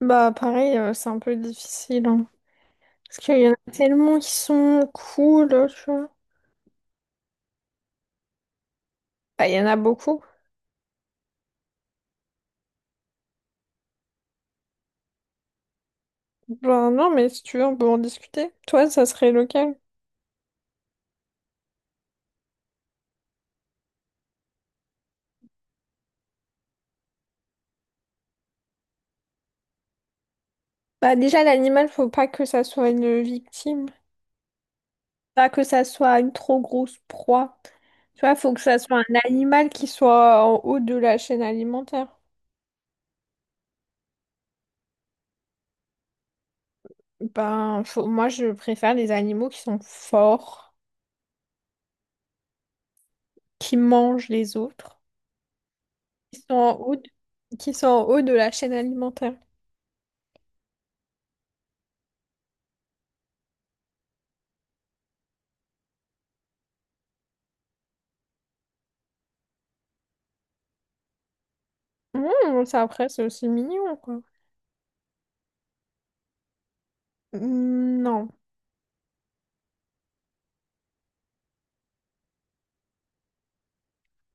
Bah pareil, c'est un peu difficile, hein. Parce qu'il y en a tellement qui sont cool, tu vois. Bah il y en a beaucoup. Bah non, mais si tu veux, on peut en discuter. Toi, ça serait lequel? Bah déjà, l'animal, faut pas que ça soit une victime. Pas que ça soit une trop grosse proie. Tu vois, faut que ça soit un animal qui soit en haut de la chaîne alimentaire. Ben, moi, je préfère les animaux qui sont forts, qui mangent les autres, qui sont en haut de- qui sont en haut de la chaîne alimentaire. Mmh, ça après, c'est aussi mignon, quoi. Mmh, non.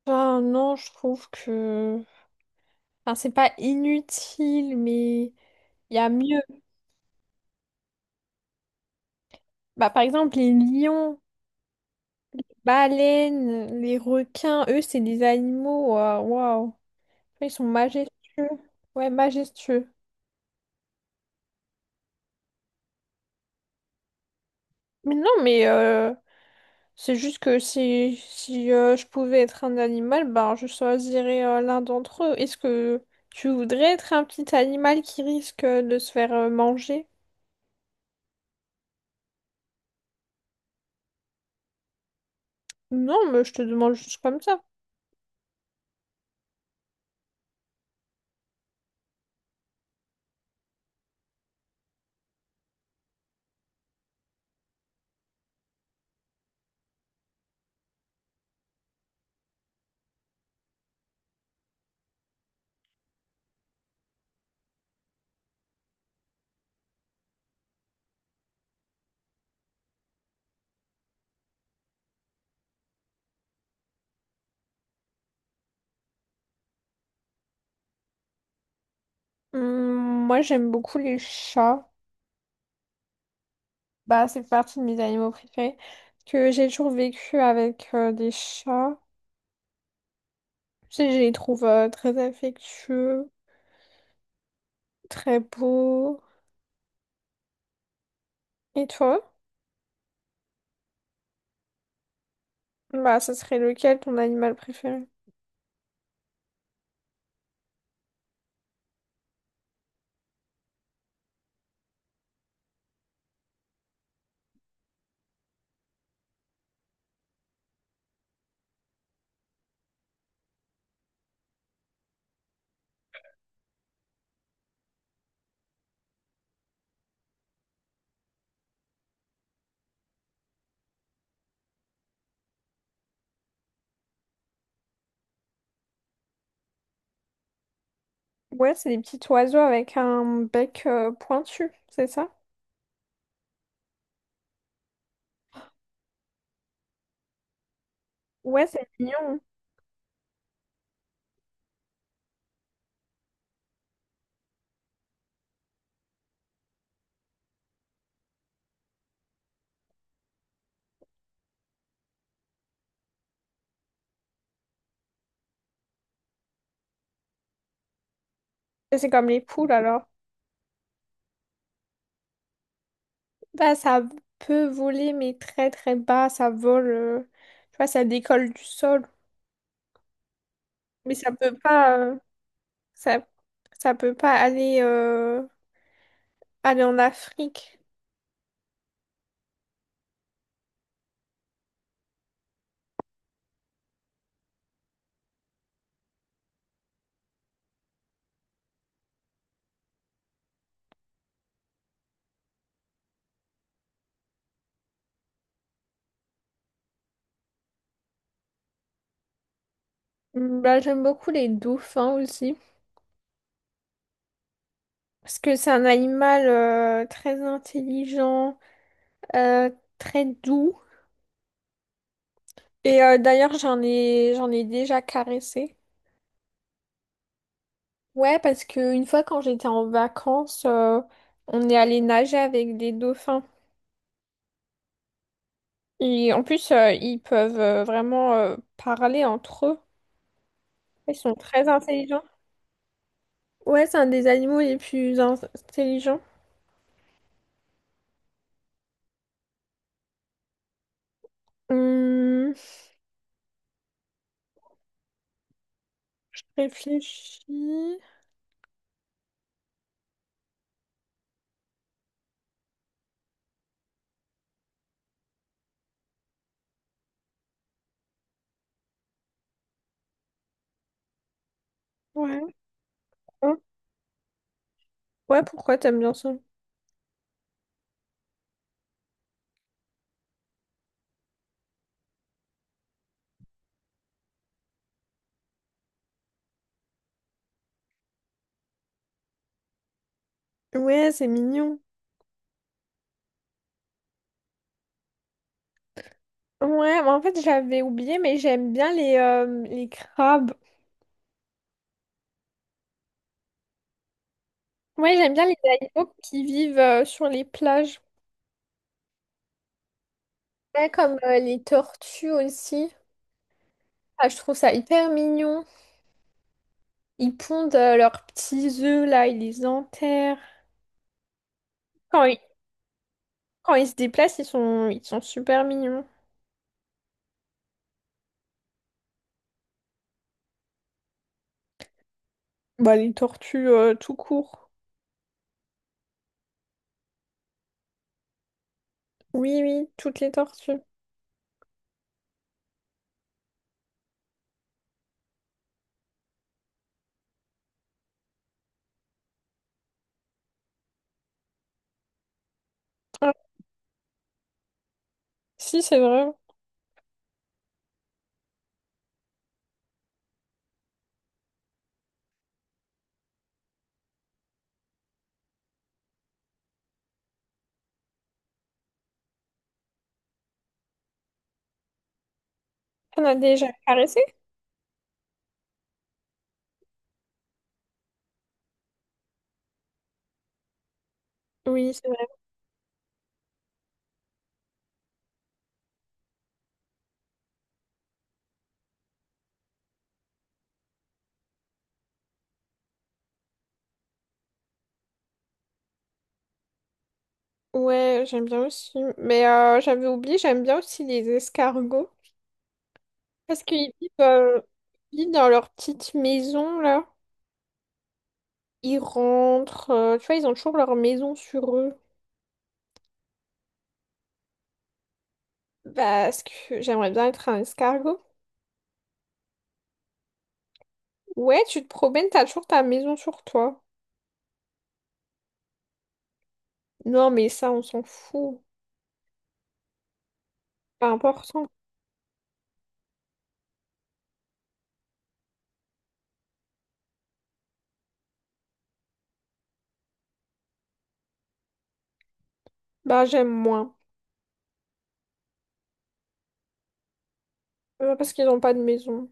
Enfin, non, je trouve que... Enfin, c'est pas inutile, mais il y a mieux. Bah, par exemple, les lions, baleines, les requins, eux, c'est des animaux. Waouh. Ils sont majestueux. Ouais, majestueux. Mais non, mais c'est juste que si je pouvais être un animal, bah, je choisirais l'un d'entre eux. Est-ce que tu voudrais être un petit animal qui risque de se faire manger? Non, mais je te demande juste comme ça. Moi, j'aime beaucoup les chats. Bah, c'est partie de mes animaux préférés. Que j'ai toujours vécu avec des chats. Tu sais, je les trouve très affectueux, très beaux. Et toi? Bah, ce serait lequel ton animal préféré? Ouais, c'est des petits oiseaux avec un bec pointu, c'est ça? Ouais, c'est mignon. Et c'est comme les poules alors. Bah, ça peut voler, mais très très bas. Ça vole, tu vois, ça décolle du sol. Mais ça peut pas, ça, ça peut pas aller, aller en Afrique. Mm, bah, j'aime beaucoup les dauphins aussi, parce que c'est un animal très intelligent, euh, très doux. Et d'ailleurs, j'en ai déjà caressé. Ouais, parce qu'une fois quand j'étais en vacances, on est allé nager avec des dauphins. Et en plus, ils peuvent vraiment parler entre eux. Ils sont très intelligents. Ouais, c'est un des animaux les plus intelligents. Hum, réfléchis. Ouais. Hein. Ouais, pourquoi t'aimes bien ça? Ouais, c'est mignon. Ouais, mais en fait, j'avais oublié, mais j'aime bien les crabes. Ouais, j'aime bien les animaux qui vivent sur les plages. Ouais, comme les tortues aussi. Ah, je trouve ça hyper mignon. Ils pondent leurs petits œufs là, ils les enterrent. Quand ils, quand ils se déplacent, ils sont super mignons. Bah, les tortues tout court. Oui, oui, toutes les tortues. Ah, si, c'est vrai. On a déjà caressé? Oui, c'est vrai. Ouais, j'aime bien aussi. Mais j'avais oublié, j'aime bien aussi les escargots. Parce qu'ils vivent, ils vivent dans leur petite maison, là. Ils rentrent, tu vois, ils ont toujours leur maison sur eux. Parce que j'aimerais bien être un escargot. Ouais, tu te promènes, t'as toujours ta maison sur toi. Non, mais ça, on s'en fout. Pas important. Bah, j'aime moins. Parce qu'ils n'ont pas de maison.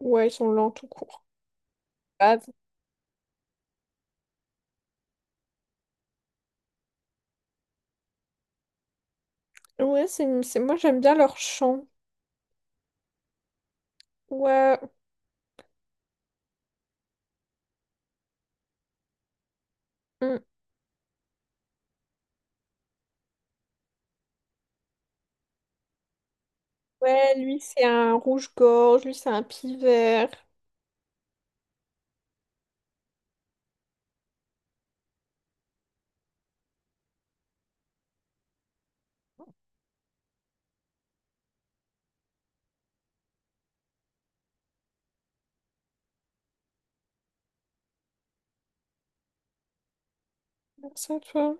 Ouais, ils sont lents tout court. Bah, ouais, moi j'aime bien leur chant. Ouais, mm. Ouais, lui c'est un rouge-gorge, lui c'est un pivert. Comme ça, tu vois.